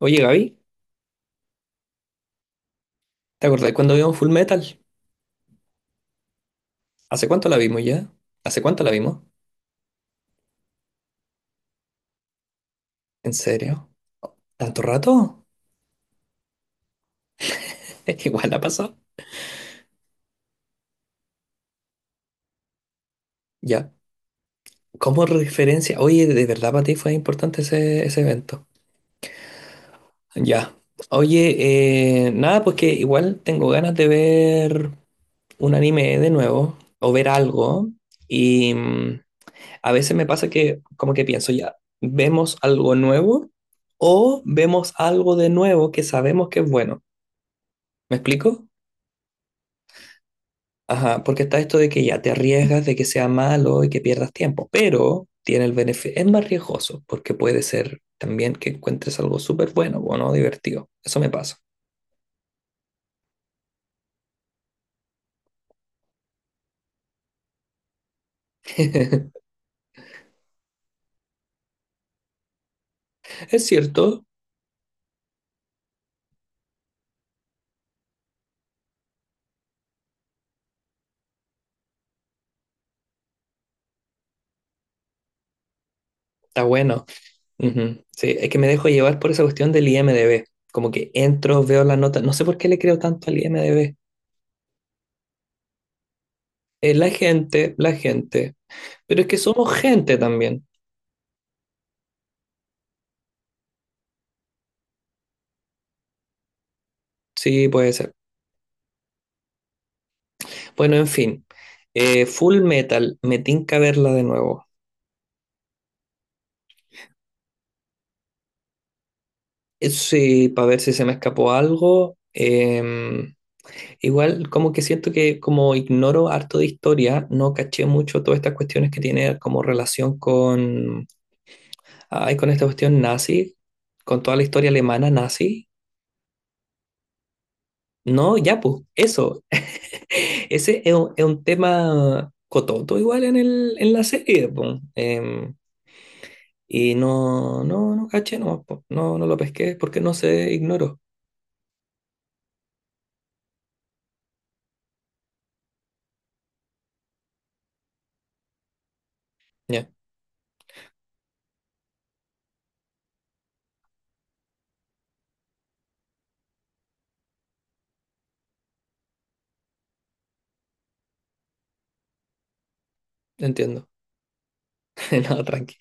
Oye, Gaby, ¿te acordás cuando vimos Full Metal? ¿Hace cuánto la vimos ya? ¿Hace cuánto la vimos? ¿En serio? ¿Tanto rato? Es que igual la pasó. Ya. Como referencia, oye, de verdad para ti fue importante ese evento. Ya. Oye, nada, pues que igual tengo ganas de ver un anime de nuevo o ver algo. Y a veces me pasa que como que pienso, ya, vemos algo nuevo o vemos algo de nuevo que sabemos que es bueno. ¿Me explico? Ajá, porque está esto de que ya te arriesgas de que sea malo y que pierdas tiempo, pero tiene el beneficio, es más riesgoso, porque puede ser también que encuentres algo súper bueno bueno, divertido. Eso me pasa. Es cierto, está bueno. Ujú. Sí, es que me dejo llevar por esa cuestión del IMDb. Como que entro, veo la nota, no sé por qué le creo tanto al IMDb. La gente, pero es que somos gente también. Sí, puede ser. Bueno, en fin. Full Metal, me tinca verla de nuevo. Sí, para ver si se me escapó algo. Igual, como que siento que como ignoro harto de historia, no caché mucho todas estas cuestiones que tiene como relación con, con esta cuestión nazi, con toda la historia alemana nazi. No, ya pues, eso. Ese es un tema cototo igual en el, en la serie, po. Y no caché, no lo pesqué porque no se ignoró. Ya, entiendo. No, tranqui.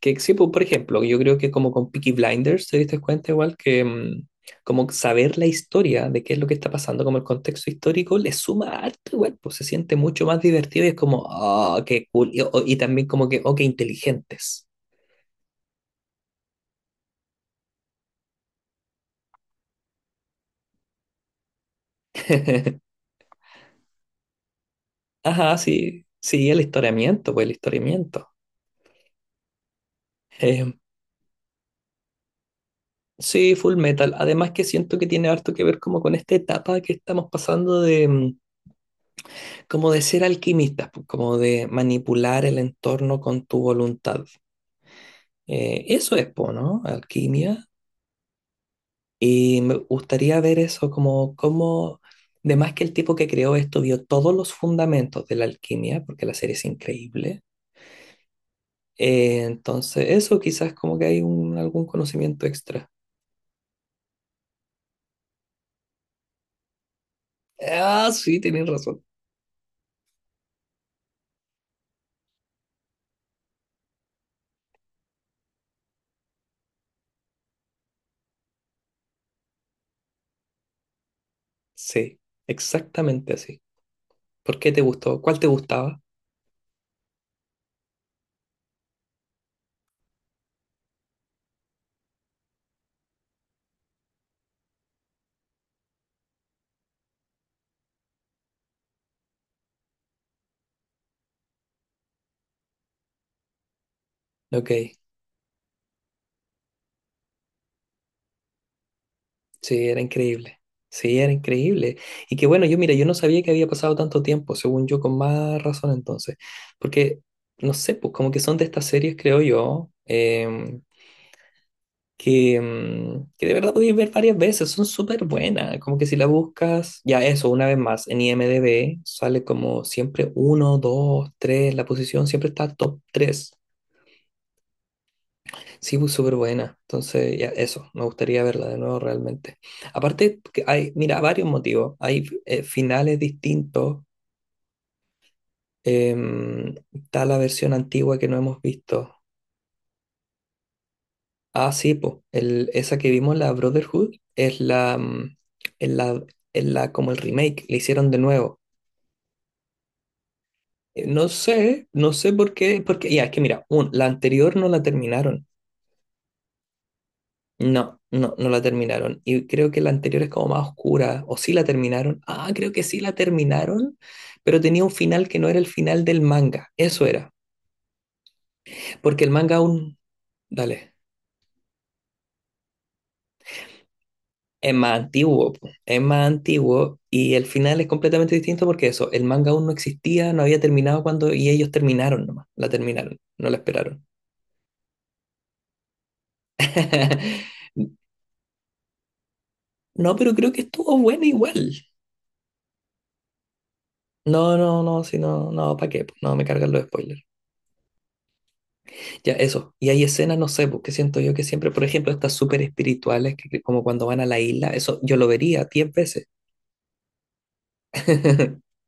Que sí, pues, por ejemplo, yo creo que como con Peaky Blinders te diste cuenta igual que como saber la historia de qué es lo que está pasando, como el contexto histórico, le suma harto igual, pues se siente mucho más divertido y es como, ah, qué cool. Y también como que, oh, qué inteligentes. Ajá, sí, sí, el historiamiento, pues el historiamiento. Eh, sí, Full Metal. Además que siento que tiene harto que ver como con esta etapa que estamos pasando de como de ser alquimista, po, como de manipular el entorno con tu voluntad. Eso es, po, ¿no? Alquimia. Y me gustaría ver eso de más que el tipo que creó esto vio todos los fundamentos de la alquimia, porque la serie es increíble. Entonces, eso quizás como que hay algún conocimiento extra. Ah, sí, tienes razón. Sí, exactamente así. ¿Por qué te gustó? ¿Cuál te gustaba? Ok. Sí, era increíble. Sí, era increíble. Y que bueno. Yo mira, yo no sabía que había pasado tanto tiempo, según yo, con más razón entonces. Porque, no sé, pues como que son de estas series, creo yo, que de verdad podéis ver varias veces, son súper buenas. Como que si la buscas, ya eso, una vez más, en IMDb sale como siempre uno, dos, tres, la posición siempre está top tres. Sí, pues súper buena. Entonces, ya, eso, me gustaría verla de nuevo realmente. Aparte, que hay, mira, varios motivos. Hay finales distintos. Em, está la versión antigua que no hemos visto. Ah, sí, pues, el, esa que vimos, la Brotherhood, es la, mm, es la, es la, como el remake, le hicieron de nuevo. No sé, no sé por qué, porque, ya, es que mira, la anterior no la terminaron. No la terminaron. Y creo que la anterior es como más oscura. O sí la terminaron. Ah, creo que sí la terminaron, pero tenía un final que no era el final del manga. Eso era. Porque el manga aún, dale, es más antiguo, po. Es más antiguo y el final es completamente distinto porque eso, el manga aún no existía, no había terminado cuando, y ellos terminaron nomás. La terminaron, no la esperaron. No, pero creo que estuvo buena igual. No, no, no, si no, no, ¿para qué? No, me cargan los spoilers. Ya, eso. Y hay escenas, no sé, porque siento yo que siempre, por ejemplo, estas súper espirituales, que como cuando van a la isla, eso yo lo vería 10 veces.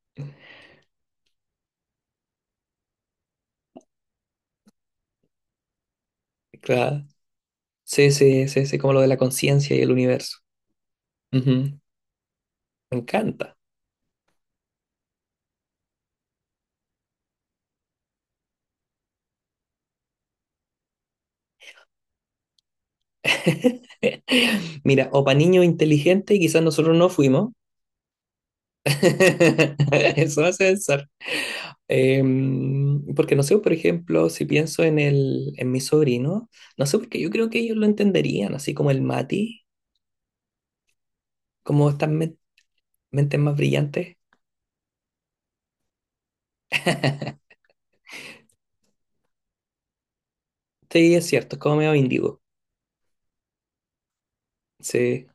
Claro. Sí, sí, sí, sí, como lo de la conciencia y el universo. Ujú. Me encanta. Mira, o para niños inteligentes, y quizás nosotros no fuimos. Eso hace pensar. Porque no sé, por ejemplo, si pienso en el, en mi sobrino, no sé, porque yo creo que ellos lo entenderían, así como el Mati, como estas, mentes más brillantes. Sí, es cierto, es como medio índigo. Sí,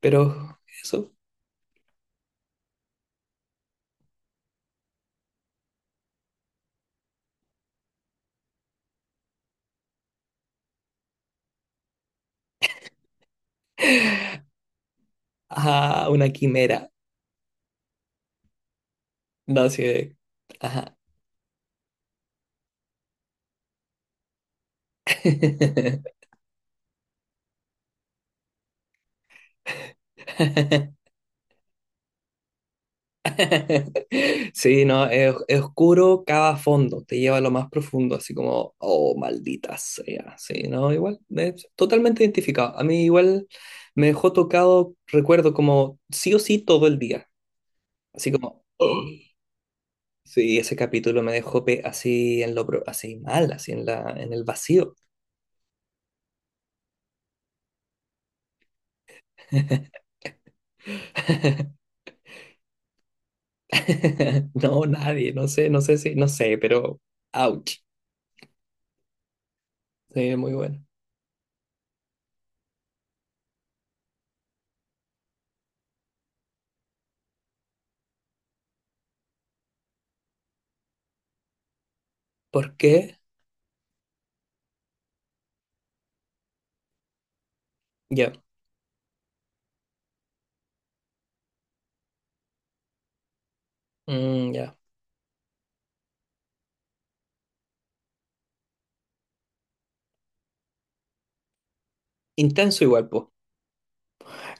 pero eso. Ajá, una quimera. No, sí. Ajá. Sí, no, es oscuro, cava a fondo, te lleva a lo más profundo, así como, oh, maldita sea. Sí, no, igual, es totalmente identificado. A mí igual me dejó tocado, recuerdo, como sí o sí todo el día. Así como, oh. Sí, ese capítulo me dejó así en lo así mal, así en la en el vacío. No, nadie, no sé, no sé si, no sé, pero ouch. Sí, muy bueno. ¿Por qué? Ya, ya. Intenso igual, pues.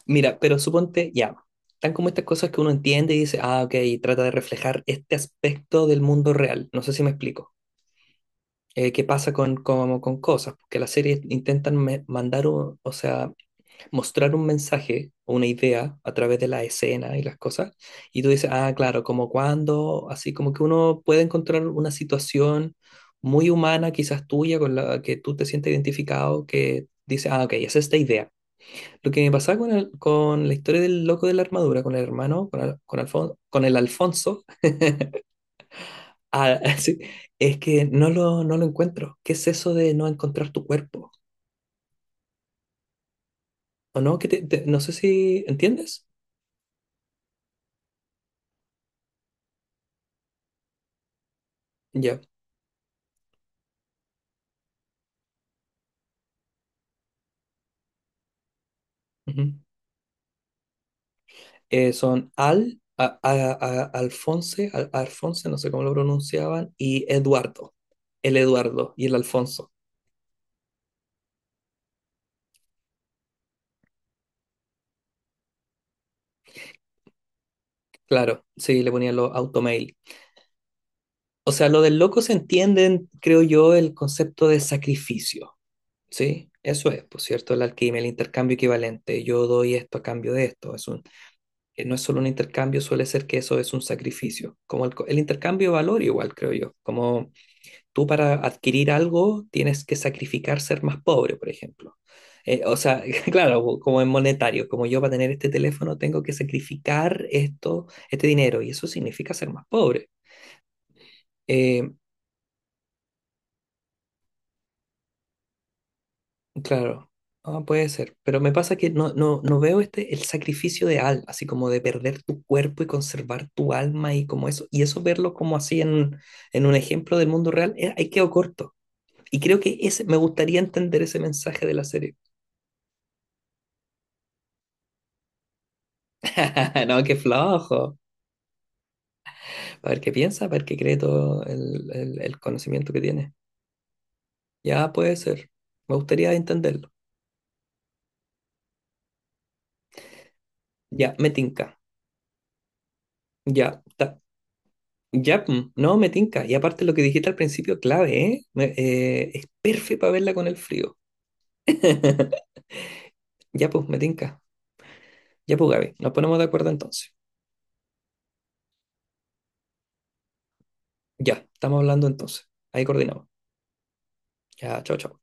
Mira, pero suponte, ya. Tan como estas cosas que uno entiende y dice, ah, ok, trata de reflejar este aspecto del mundo real. No sé si me explico. ¿Qué pasa con, como con cosas? Porque las series intentan mandar, o sea, mostrar un mensaje o una idea a través de la escena y las cosas, y tú dices, ah, claro, como cuando, así como que uno puede encontrar una situación muy humana, quizás tuya, con la que tú te sientes identificado, que dice, ah, ok, es esta idea. Lo que me pasaba con, con la historia del loco de la armadura, con el hermano, con el Alfonso, ah, sí, es que no lo, no lo encuentro. ¿Qué es eso de no encontrar tu cuerpo? ¿O no? Que no sé si entiendes. Ya. Ujú. Son Al, a- Alfonse, Al- Alfonse, no sé cómo lo pronunciaban, y Eduardo. El Eduardo y el Alfonso. Claro, sí, le ponían los automail. O sea, lo del loco se entiende, en, creo yo, el concepto de sacrificio. ¿Sí? Eso es, por cierto, la alquimia, el intercambio equivalente. Yo doy esto a cambio de esto. Es un, no es solo un intercambio, suele ser que eso es un sacrificio. Como el intercambio de valor, igual, creo yo. Como tú para adquirir algo tienes que sacrificar ser más pobre, por ejemplo. O sea, claro, como en monetario, como yo para tener este teléfono tengo que sacrificar esto, este dinero, y eso significa ser más pobre. Eh, claro, ah, puede ser, pero me pasa que no, no, no veo este, el sacrificio de alma, así como de perder tu cuerpo y conservar tu alma y como eso, y eso verlo como así en un ejemplo del mundo real, ahí quedo corto. Y creo que ese, me gustaría entender ese mensaje de la serie. No, qué flojo. A ver qué piensa, a ver qué cree todo el, el conocimiento que tiene. Ya puede ser. Me gustaría entenderlo. Ya, me tinca. Ya, no, me tinca. Y aparte lo que dijiste al principio, clave, ¿eh? Es perfecto para verla con el frío. Ya, pues, me tinca. Ya, pues, Gaby. Nos ponemos de acuerdo entonces. Ya, estamos hablando entonces. Ahí coordinamos. Ya, chao, chao.